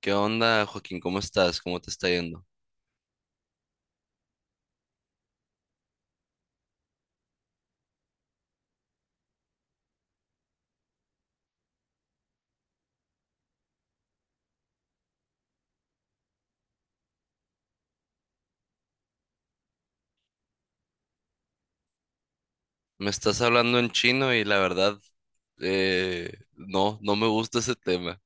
¿Qué onda, Joaquín? ¿Cómo estás? ¿Cómo te está yendo? Me estás hablando en chino y la verdad, no, no me gusta ese tema.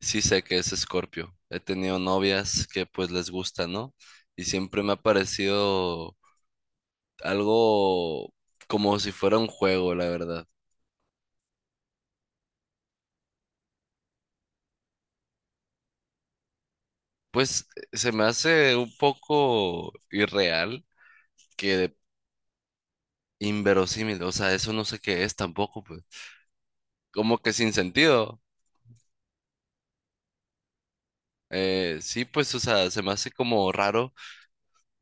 Sí sé que es Escorpio. He tenido novias que pues les gusta, ¿no? Y siempre me ha parecido algo como si fuera un juego, la verdad. Pues se me hace un poco irreal que de- inverosímil, o sea, eso no sé qué es tampoco, pues. Como que sin sentido. Sí, pues, o sea, se me hace como raro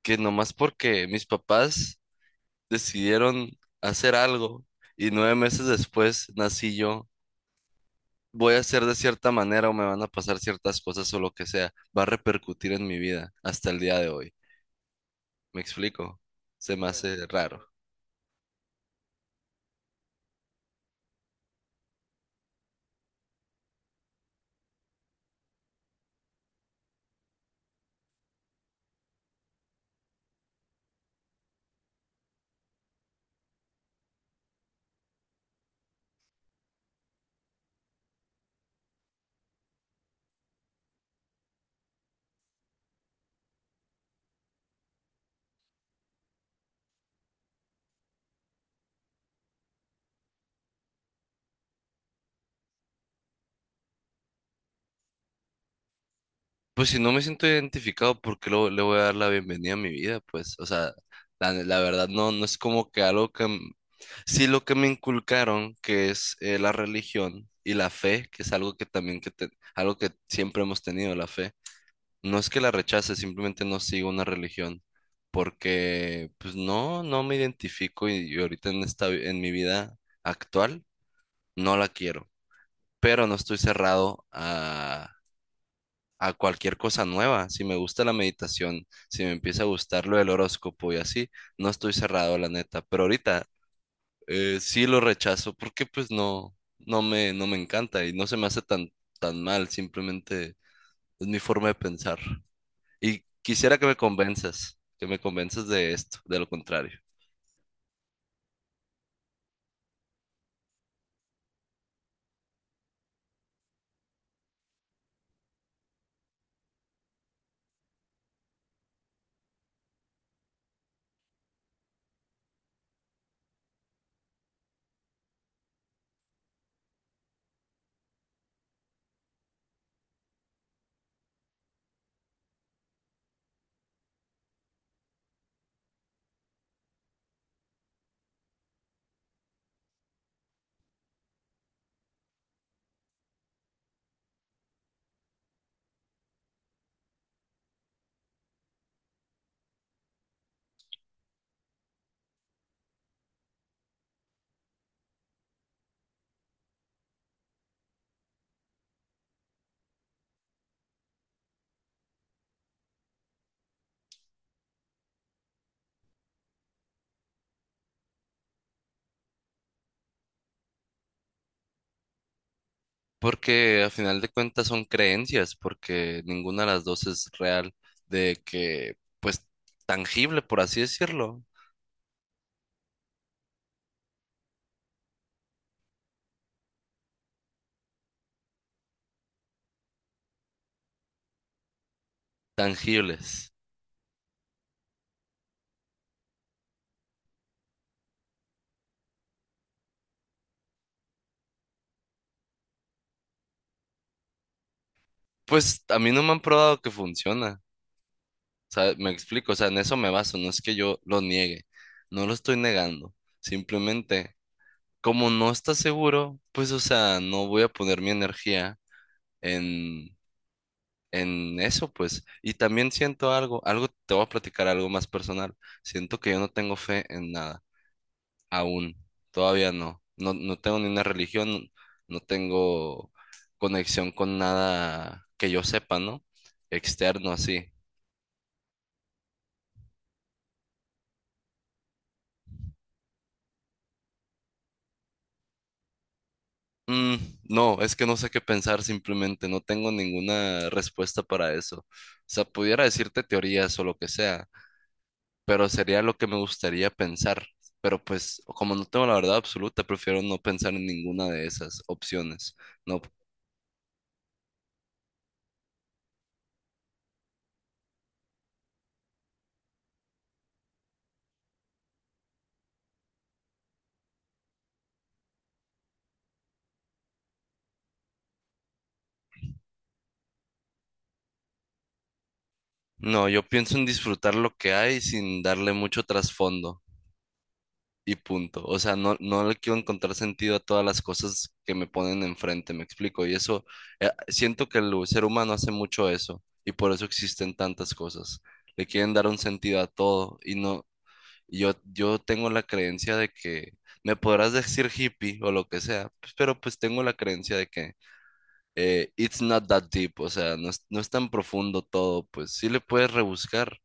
que nomás porque mis papás decidieron hacer algo y nueve meses después nací yo, voy a ser de cierta manera o me van a pasar ciertas cosas o lo que sea, va a repercutir en mi vida hasta el día de hoy. ¿Me explico? Se me hace raro. Pues si no me siento identificado, ¿por qué le voy a dar la bienvenida a mi vida? Pues, o sea, la verdad no, no es como que algo que... Sí, lo que me inculcaron, que es la religión y la fe, que es algo que también, algo que siempre hemos tenido, la fe. No es que la rechace, simplemente no sigo una religión, porque pues no, no me identifico y ahorita en esta, en mi vida actual no la quiero, pero no estoy cerrado a cualquier cosa nueva. Si me gusta la meditación, si me empieza a gustar lo del horóscopo y así, no estoy cerrado, la neta. Pero ahorita sí lo rechazo porque pues no, no me, no me encanta y no se me hace tan, tan mal, simplemente es mi forma de pensar. Y quisiera que me convenzas de esto, de lo contrario. Porque a final de cuentas son creencias, porque ninguna de las dos es real, de que, pues, tangible, por así decirlo, tangibles. Pues a mí no me han probado que funciona. O sea, me explico, o sea, en eso me baso, no es que yo lo niegue, no lo estoy negando. Simplemente, como no está seguro, pues, o sea, no voy a poner mi energía en, en eso, pues. Y también siento algo, algo, te voy a platicar algo más personal. Siento que yo no tengo fe en nada, aún, todavía no. No, no tengo ni una religión, no tengo conexión con nada que yo sepa, ¿no? Externo, así. Mm, no, es que no sé qué pensar simplemente, no tengo ninguna respuesta para eso. O sea, pudiera decirte teorías o lo que sea, pero sería lo que me gustaría pensar. Pero pues, como no tengo la verdad absoluta, prefiero no pensar en ninguna de esas opciones. No, no, yo pienso en disfrutar lo que hay sin darle mucho trasfondo. Y punto. O sea, no, no le quiero encontrar sentido a todas las cosas que me ponen enfrente, me explico. Y eso, siento que el ser humano hace mucho eso y por eso existen tantas cosas. Le quieren dar un sentido a todo y no, y yo tengo la creencia de que me podrás decir hippie o lo que sea, pues, pero pues tengo la creencia de que it's not that deep, o sea, no es, no es tan profundo todo, pues sí le puedes rebuscar,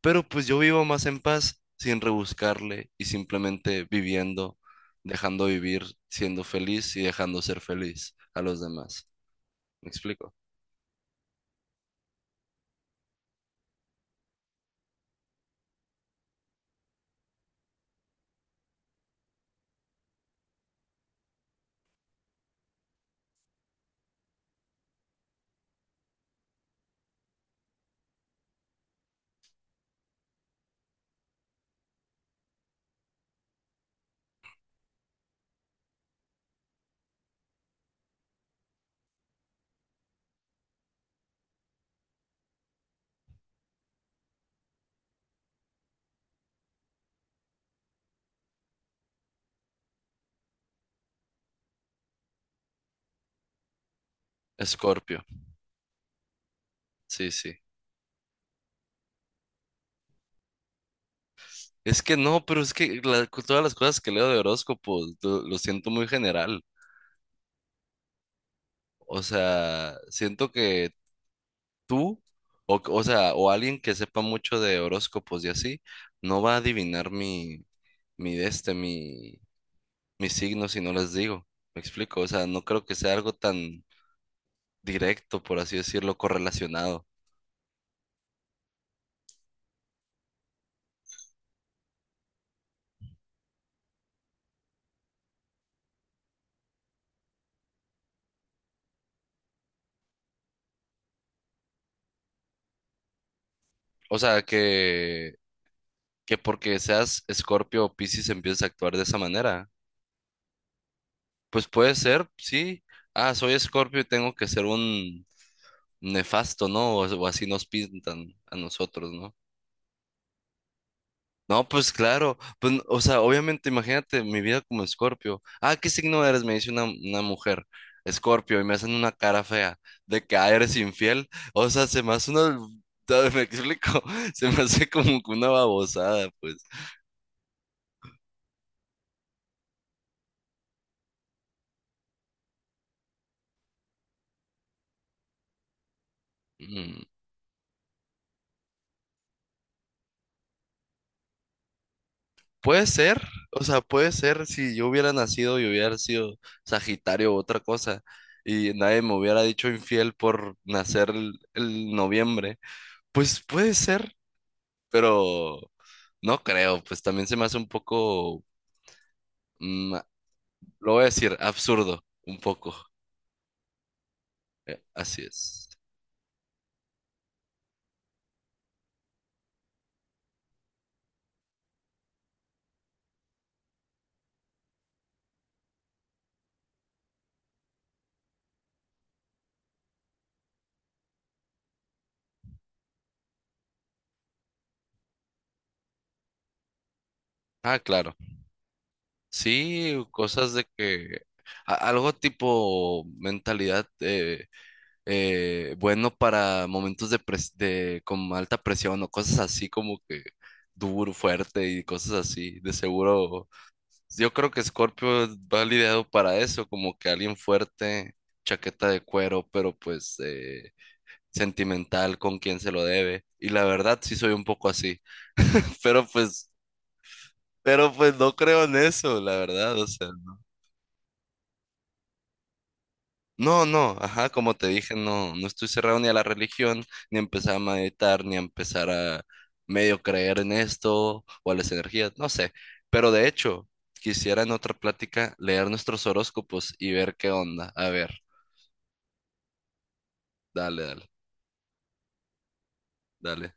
pero pues yo vivo más en paz sin rebuscarle y simplemente viviendo, dejando vivir, siendo feliz y dejando ser feliz a los demás. ¿Me explico? Escorpio, sí, sí. Es que no, pero es que todas las cosas que leo de horóscopos lo siento muy general. O sea, siento que tú, o sea, o alguien que sepa mucho de horóscopos y así, no va a adivinar mi, mi de este, mi signo si no les digo. ¿Me explico? O sea, no creo que sea algo tan directo, por así decirlo, correlacionado. O sea, que porque seas Escorpio o Piscis empieces a actuar de esa manera. Pues puede ser, sí. Ah, soy Escorpio y tengo que ser un nefasto, ¿no? O así nos pintan a nosotros, ¿no? No, pues claro, pues, o sea, obviamente, imagínate mi vida como Escorpio. Ah, ¿qué signo eres? Me dice una mujer, Escorpio, y me hacen una cara fea de que, ah, eres infiel. O sea, se me hace una, ¿me explico? Se me hace como que una babosada, pues. Mm, puede ser, o sea, puede ser si yo hubiera nacido y hubiera sido Sagitario u otra cosa y nadie me hubiera dicho infiel por nacer el noviembre, pues puede ser, pero no creo, pues también se me hace un poco, mm, lo voy a decir, absurdo, un poco. Así es. Ah, claro. Sí, cosas de que algo tipo mentalidad bueno para momentos de, de con alta presión o cosas así como que duro, fuerte y cosas así. De seguro, yo creo que Scorpio va lidiado para eso, como que alguien fuerte, chaqueta de cuero, pero pues sentimental con quien se lo debe. Y la verdad, sí soy un poco así. Pero pues, pero pues no creo en eso, la verdad. O sea, no, no, no, ajá, como te dije, no, no estoy cerrado ni a la religión, ni a empezar a meditar, ni a empezar a medio creer en esto o a las energías, no sé. Pero de hecho, quisiera en otra plática leer nuestros horóscopos y ver qué onda. A ver, dale, dale, dale.